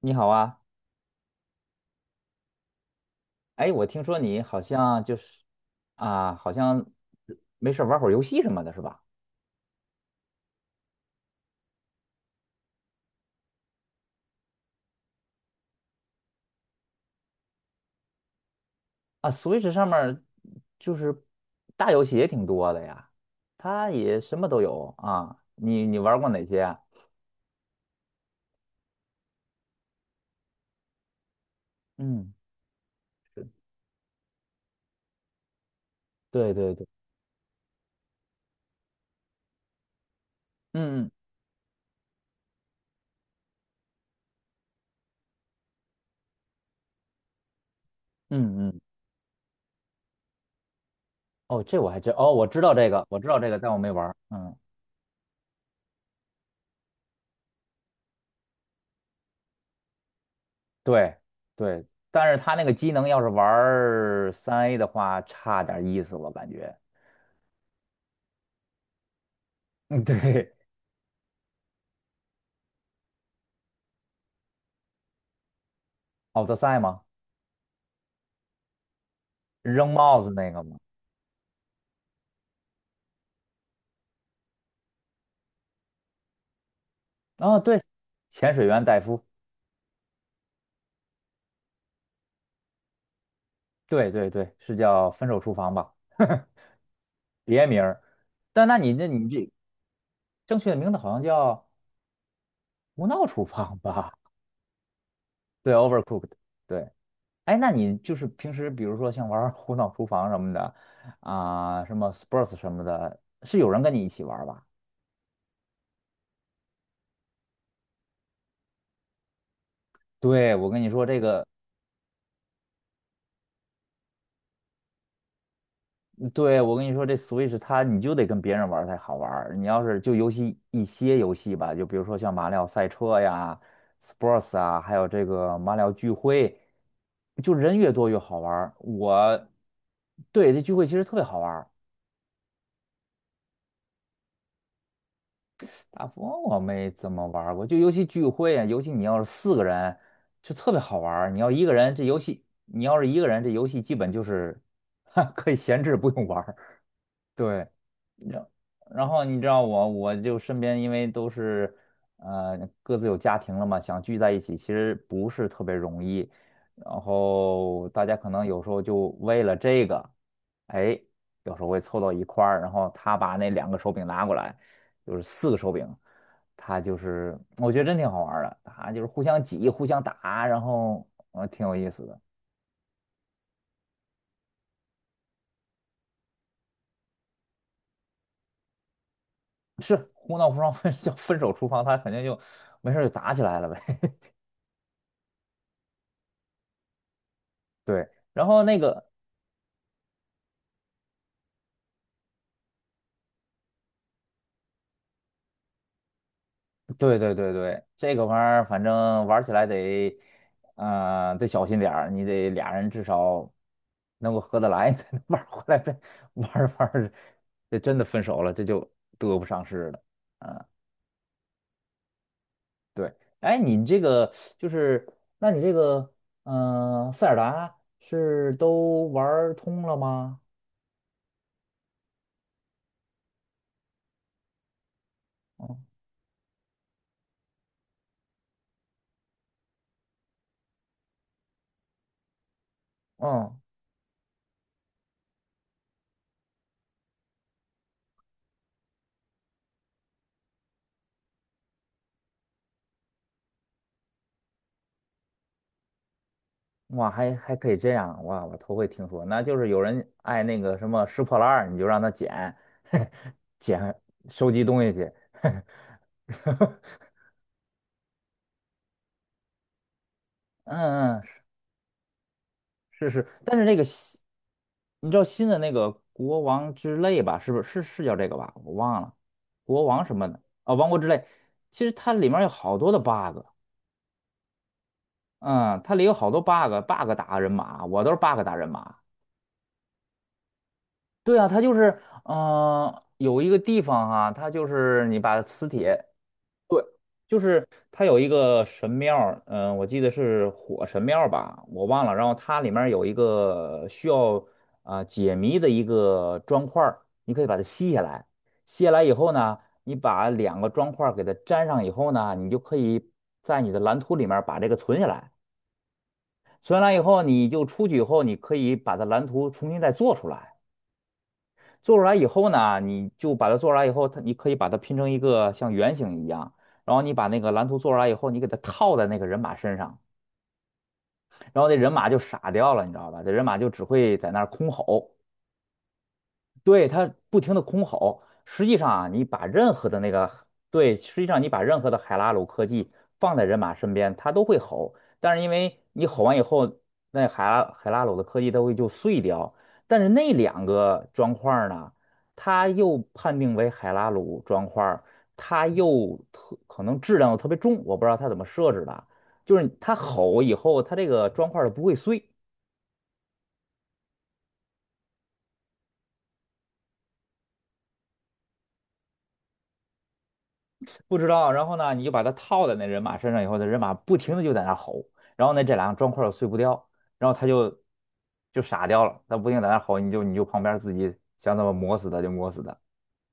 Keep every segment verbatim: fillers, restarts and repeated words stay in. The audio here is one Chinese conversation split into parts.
你好啊，哎，我听说你好像就是啊，好像没事儿玩会儿游戏什么的，是吧？啊，Switch 上面儿就是大游戏也挺多的呀，它也什么都有啊。你你玩过哪些啊？嗯，对对对，嗯嗯嗯嗯，哦，这我还真哦，我知道这个，我知道这个，但我没玩儿嗯，对对，但是它那个机能要是玩三 A 的话，差点意思，我感觉。嗯，对，奥德赛吗？扔帽子那个吗？哦，对，潜水员戴夫，对对对，是叫《分手厨房》吧？别名儿。但那你这你这正确的名字好像叫《胡闹厨房》吧？对，Overcooked。对，哎，那你就是平时比如说像玩儿《胡闹厨房》什么的啊、什么 Sports 什么的，是有人跟你一起玩儿吧？对，我跟你说这个对，我跟你说，这 Switch 它你就得跟别人玩儿才好玩儿。你要是就尤其一些游戏吧，就比如说像马里奥赛车呀、Sports 啊，还有这个马里奥聚会，就人越多越好玩儿。我对这聚会其实特别好玩儿，大富翁我没怎么玩儿过，就尤其聚会啊，尤其你要是四个人就特别好玩儿。你要一个人，这游戏你要是一个人，这游戏基本就是 可以闲置不用玩。对，然然后你知道我，我就身边因为都是呃各自有家庭了嘛，想聚在一起其实不是特别容易。然后大家可能有时候就为了这个，哎，有时候会凑到一块儿，然后他把那两个手柄拿过来，就是四个手柄，他就是我觉得真挺好玩儿的，他就是互相挤、互相打，然后呃挺有意思的。是胡闹不双分 叫分手厨房，他肯定就没事儿就打起来了呗。对，然后那个，对对对对，这个玩意儿反正玩起来得，呃，得小心点儿，你得俩人至少能够合得来，你才能玩儿回来。这玩儿着玩儿着这真的分手了，这就得不偿失了。啊，对，哎，你这个就是，那你这个，嗯、塞尔达是都玩儿通了吗？嗯嗯。哇，还还可以这样，哇，我头回听说，那就是有人爱那个什么拾破烂儿，你就让他捡，捡收集东西去，嗯嗯，是是是，但是那个新你知道新的那个国王之泪吧？是不是是是叫这个吧？我忘了，国王什么的啊，王国之泪，其实它里面有好多的 bug，嗯，它里有好多 bug，bug 打人马，我都是 bug 打人马。对啊，它就是，嗯，有一个地方哈、它就是你把磁铁，对，就是它有一个神庙儿嗯、我记得是火神庙儿吧，我忘了。然后它里面儿有一个需要啊、解谜的一个砖块儿，你可以把它吸下来，吸下来以后呢，你把两个砖块儿给它粘上以后呢，你就可以在你的蓝图里面儿把这个存下来，存下来以后，你就出去以后，你可以把它蓝图重新再做出来。做出来以后呢，你就把它做出来以后，它你可以把它拼成一个像圆形一样，然后你把那个蓝图做出来以后，你给它套在那个人马身上，然后那人马就傻掉了，你知道吧？这人马就只会在那儿空吼，对，它不停的空吼。实际上啊，你把任何的那个，对，实际上你把任何的海拉鲁科技放在人马身边，它都会吼。但是因为你吼完以后，那海拉海拉鲁的科技它会就碎掉。但是那两个砖块儿呢，它又判定为海拉鲁砖块儿它又特可能质量又特别重，我不知道它怎么设置的。就是它吼以后，它这个砖块儿它不会碎。不知道，然后呢，你就把它套在那人马身上以后，那人马不停的就在那吼，然后呢，这两个砖块儿又碎不掉，然后他就就傻掉了，他不停地在那吼，你就你就旁边自己想怎么磨死他就磨死他，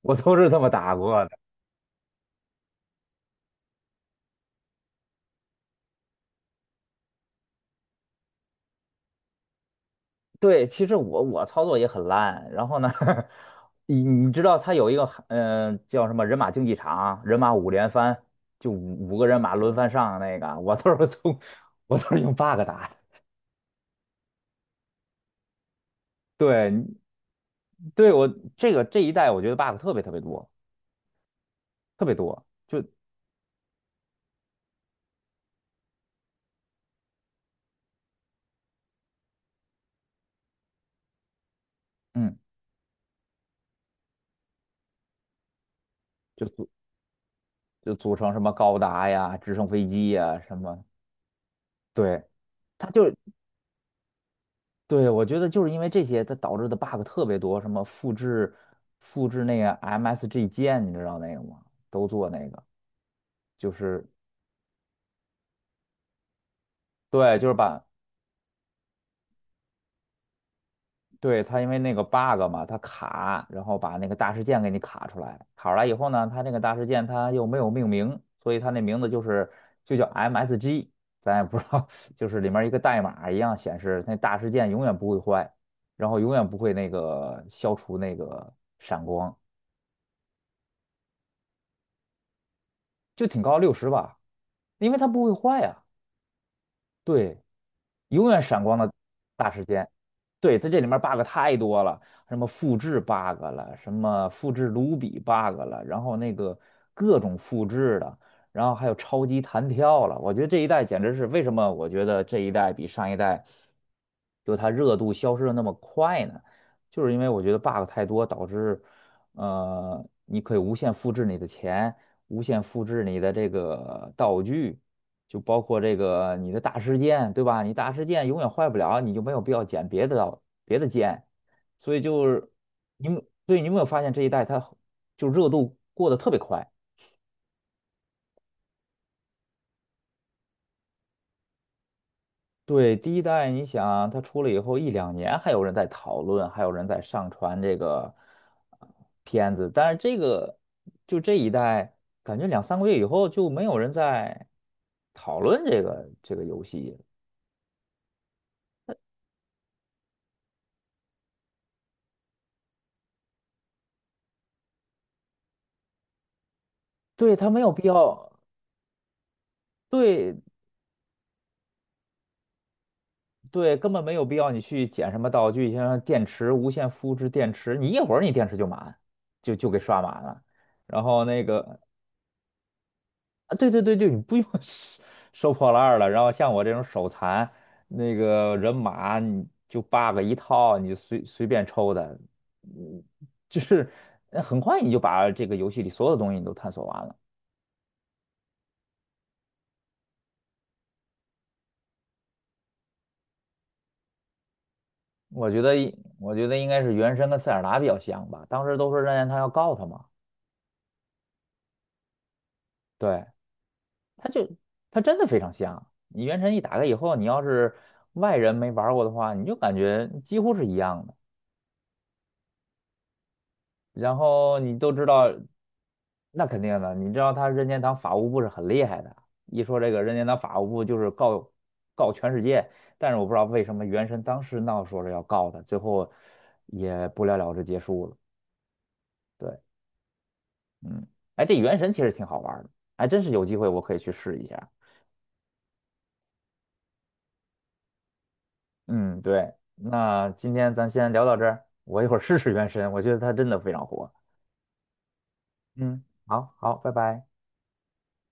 我都是这么打过的。对，其实我我操作也很烂，然后呢，你你知道他有一个嗯、呃叫什么人马竞技场，人马五连翻，就五五个人马轮番上那个，我都是从我都是用 bug 打的。对对，我这个这一代我觉得 bug 特别特别多。特别多，就嗯，就组就组成什么高达呀、直升飞机呀什么，对，它就对我觉得就是因为这些，它导致的 bug 特别多，什么复制复制那个 M S G 键，你知道那个吗？都做那个，就是对，就是把对，它因为那个 bug 嘛，它卡，然后把那个大事件给你卡出来。卡出来以后呢，它那个大事件它又没有命名，所以它那名字就是就叫 M S G，咱也不知道，就是里面一个代码一样显示那大事件永远不会坏，然后永远不会那个消除那个闪光，就挺高六十吧，因为它不会坏呀、对，永远闪光的大时间。对，在这里面 bug 太多了，什么复制 bug 了，什么复制卢比 bug 了，然后那个各种复制的，然后还有超级弹跳了。我觉得这一代简直是为什么？我觉得这一代比上一代就它热度消失的那么快呢？就是因为我觉得 bug 太多，导致呃，你可以无限复制你的钱，无限复制你的这个道具。就包括这个你的大事件，对吧？你大事件永远坏不了，你就没有必要捡别的刀别的剑，所以就是你们对你有没有发现这一代它就热度过得特别快？对，第一代你想它出了以后一两年，还有人在讨论，还有人在上传这个呃片子，但是这个就这一代，感觉两三个月以后就没有人在讨论这个这个游戏对，它没有必要。对对，根本没有必要你去捡什么道具，像电池、无线复制电池，你一会儿你电池就满，就就给刷满了。然后那个啊，对对对对，你不用 收收破烂儿了。然后像我这种手残，那个人马你就 bug 一套，你就随随便抽的，嗯，就是呃很快你就把这个游戏里所有的东西你都探索完了。我觉得，我觉得应该是原神跟塞尔达比较像吧。当时都说任天堂要告他嘛，对。它就它真的非常像。你原神一打开以后，你要是外人没玩过的话，你就感觉几乎是一样的。然后你都知道，那肯定的，你知道他任天堂法务部是很厉害的。一说这个任天堂法务部就是告告全世界，但是我不知道为什么原神当时闹说是要告他，最后也不了了之结束了。对，嗯，哎，这原神其实挺好玩的，还真是有机会我可以去试一下。嗯，对，那今天咱先聊到这儿，我一会儿试试原神，我觉得它真的非常火。嗯，好好，拜拜。